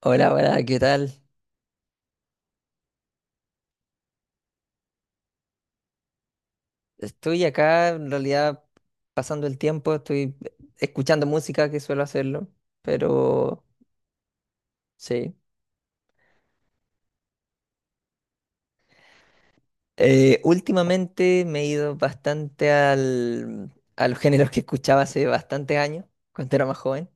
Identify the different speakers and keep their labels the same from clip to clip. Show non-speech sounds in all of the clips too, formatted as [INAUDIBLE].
Speaker 1: Hola, hola, ¿qué tal? Estoy acá en realidad pasando el tiempo, estoy escuchando música que suelo hacerlo, pero sí. Últimamente me he ido bastante a los géneros que escuchaba hace bastantes años, cuando era más joven.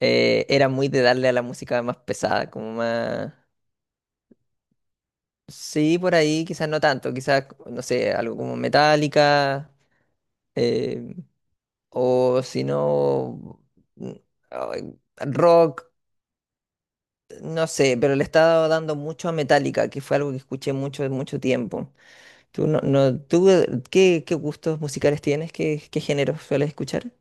Speaker 1: Era muy de darle a la música más pesada, como más... Sí, por ahí quizás no tanto, quizás, no sé, algo como Metallica, eh, o si no... mm, ay, rock. No sé, pero le estaba dando mucho a Metallica, que fue algo que escuché mucho, mucho tiempo. ¿Tú, no, no- tú qué, ¿qué gustos musicales tienes? ¿Qué géneros sueles escuchar?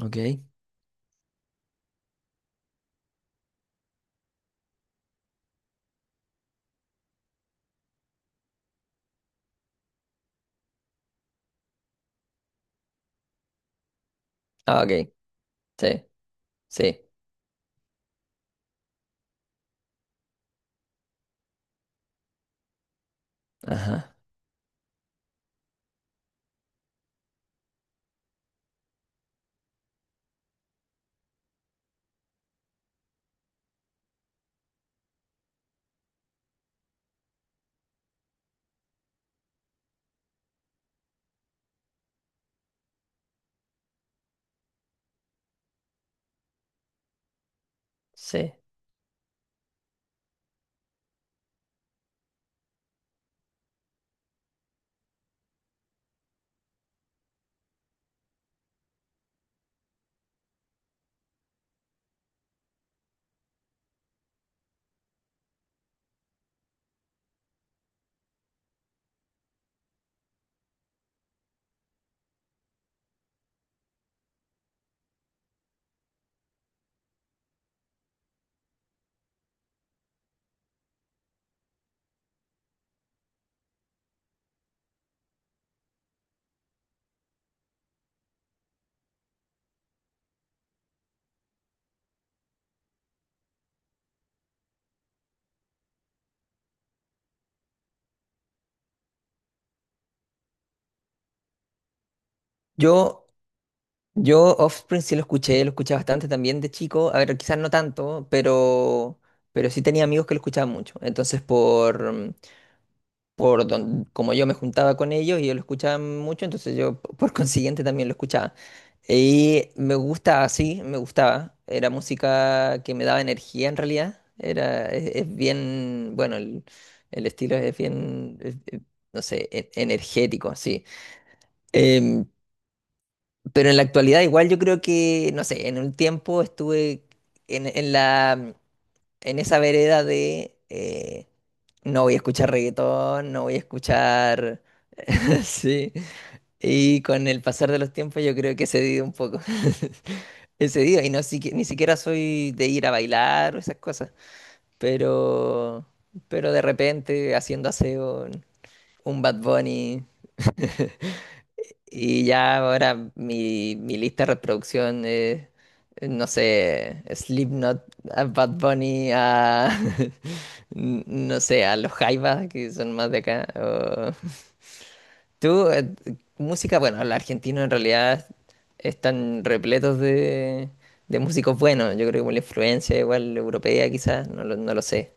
Speaker 1: Ok. Ah, ok. Sí, sí. Ajá. Sí. Yo, yo, Offspring sí lo escuché bastante también de chico. A ver, quizás no tanto, pero sí tenía amigos que lo escuchaban mucho. Entonces, como yo me juntaba con ellos y ellos lo escuchaban mucho, entonces yo por [LAUGHS] consiguiente también lo escuchaba. Y me gusta, ah, sí, me gustaba. Era música que me daba energía en realidad. Es bien, bueno, el estilo es bien, es, no sé, energético, sí. Em, pero en la actualidad igual yo creo que, no sé, en un tiempo estuve en en esa vereda de... no voy a escuchar reggaetón, no voy a escuchar [LAUGHS] sí, y con el pasar de los tiempos yo creo que he cedido un poco. [LAUGHS] He cedido y ni siquiera soy de ir a bailar o esas cosas, pero pero de repente haciendo aseo un Bad Bunny [LAUGHS] y ya ahora mi lista de reproducción es no sé, Slipknot, a Bad Bunny, a [LAUGHS] no sé, a los Jaivas que son más de acá. Tú, música, bueno, los argentinos en realidad están repletos de músicos buenos. Yo creo que por la influencia igual europea quizás, no lo sé.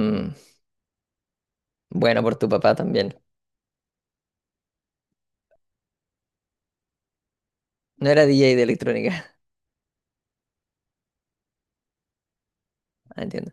Speaker 1: Mm, bueno, por tu papá también. No era DJ de electrónica. [LAUGHS] Ah, entiendo.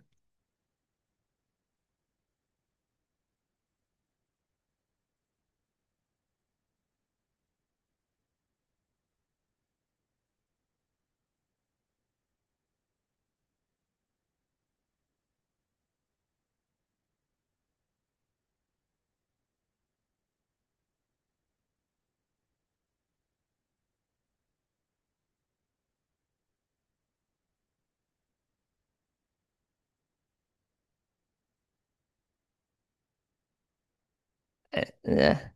Speaker 1: Ya.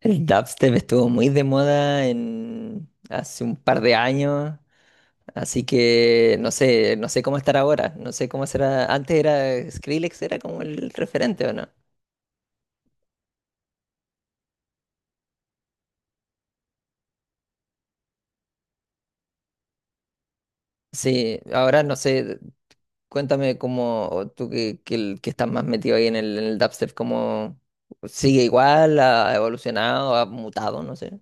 Speaker 1: El dubstep estuvo muy de moda en, hace un par de años, así que no sé, no sé cómo estará ahora, no sé cómo será. Antes era Skrillex, era como el referente, ¿o no? Sí, ahora no sé. Cuéntame cómo tú que, que estás más metido ahí en el dubstep, cómo sigue igual, ha evolucionado, ha mutado, no sé.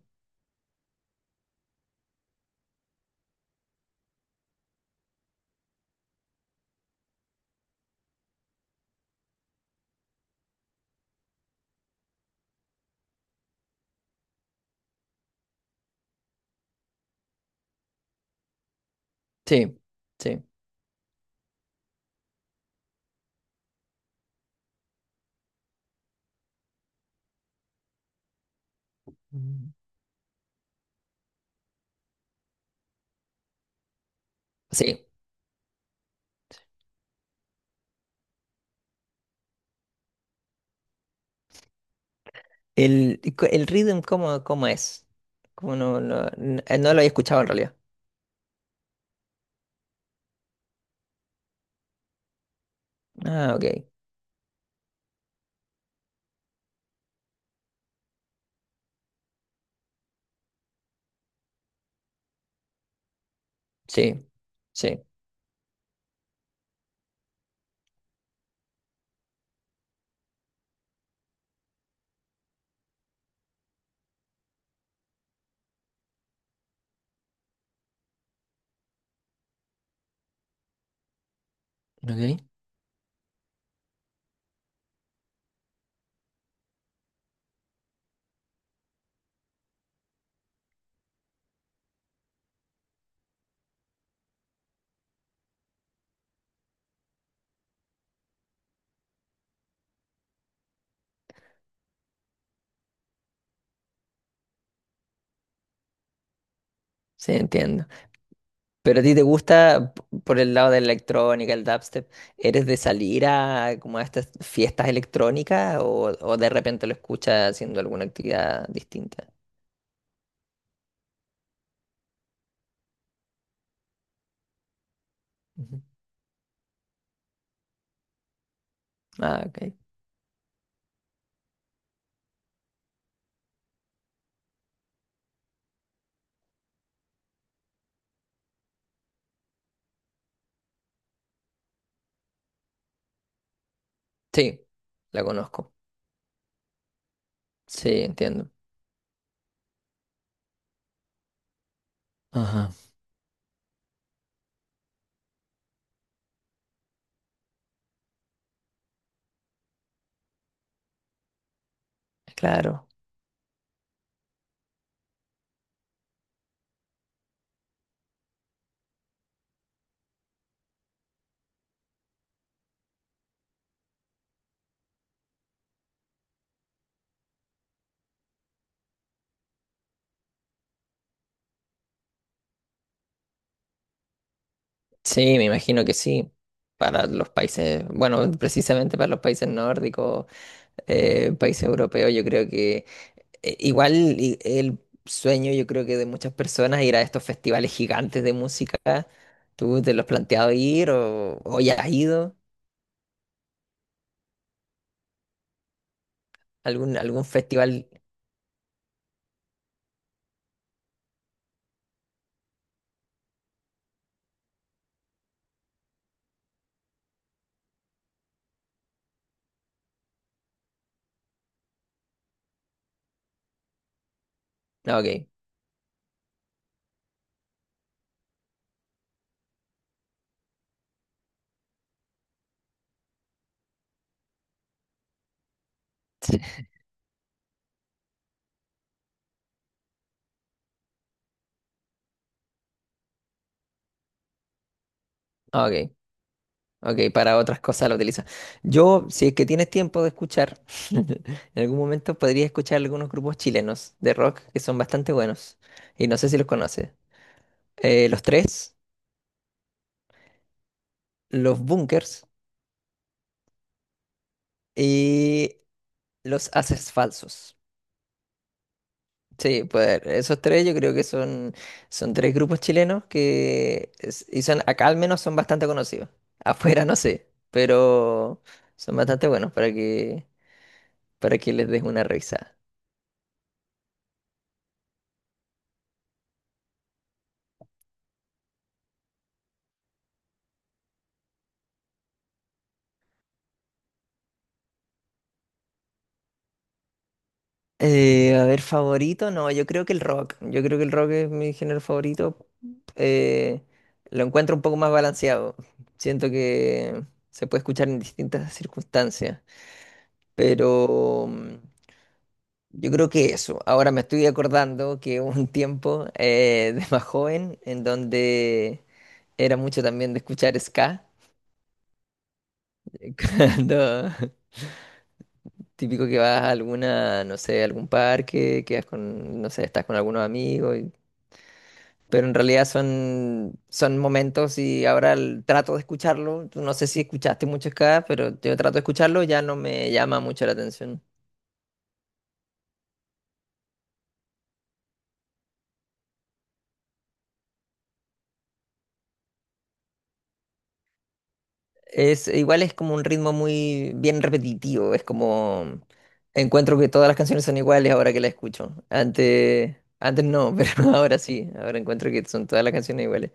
Speaker 1: Sí, sí. Mm. Sí. El, y el rhythm, ¿cómo, cómo es? ¿Cómo no lo he escuchado en realidad? Ah, ok. Sí, sí. Ok. Sí, entiendo. Pero a ti te gusta por el lado de la electrónica, el dubstep, ¿eres de salir a como a estas fiestas electrónicas o de repente lo escuchas haciendo alguna actividad distinta? Ujú. Ah, ok. Sí, la conozco. Sí, entiendo. Ajá. Claro. Sí, me imagino que sí. Para los países, bueno, precisamente para los países nórdicos, países europeos, yo creo que el sueño, yo creo que de muchas personas, ir a estos festivales gigantes de música. ¿Tú te lo has planteado ir o ya has ido? ¿Algún, algún festival? No, ok. Ok, ok, para otras cosas lo utiliza. Yo, si es que tienes tiempo de escuchar, [LAUGHS] en algún momento podría escuchar algunos grupos chilenos de rock que son bastante buenos. Y no sé si los conoces. Los Tres, los Bunkers y los Haces Falsos. Sí, pues esos tres yo creo que son, son tres grupos chilenos y son, acá al menos son bastante conocidos. Afuera no sé, pero son bastante buenos para que les des una revisada. A ver, favorito, no, yo creo que el rock. Yo creo que el rock es mi género favorito. Eh, lo encuentro un poco más balanceado. Siento que se puede escuchar en distintas circunstancias, pero... mm, yo creo que eso. Ahora me estoy acordando que hubo un tiempo de más joven en donde era mucho también de escuchar ska. [LAUGHS] Cuando típico que vas a alguna, no sé, algún parque, quedas con, no sé, estás con algunos amigos. Pero en realidad son, son momentos y ahora trato de escucharlo. Tú no sé si escuchaste mucho ska, pero yo trato de escucharlo, ya no me llama mucho la atención. Es, igual es como un ritmo muy bien repetitivo, es como encuentro que todas las canciones son iguales ahora que las escucho. Antes, antes no, [LAUGHS] pero ahora sí, ahora encuentro que son todas las canciones iguales.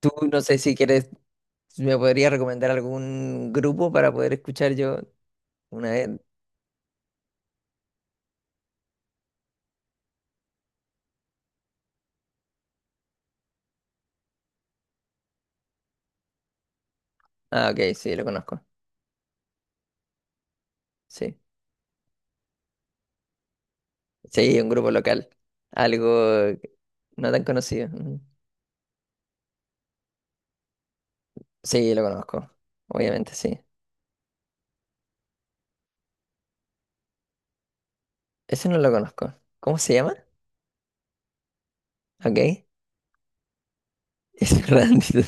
Speaker 1: Tú no sé si quieres, si me podrías recomendar algún grupo para poder escuchar yo una vez. Ah, ok, sí, lo conozco. Sí. Sí, un grupo local. Algo no tan conocido. Ujú. Sí, lo conozco. Obviamente, sí. Ese no lo conozco. ¿Cómo se llama? Ok. [LAUGHS] Es Randy.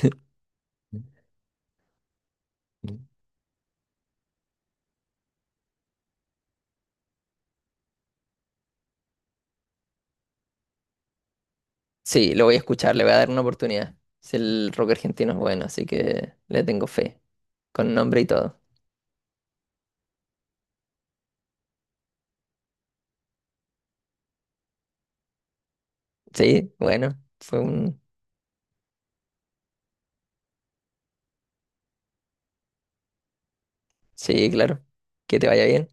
Speaker 1: Sí, lo voy a escuchar, le voy a dar una oportunidad. Si el rock argentino es bueno, así que le tengo fe, con nombre y todo. Sí, bueno, fue un... Sí, claro. Que te vaya bien.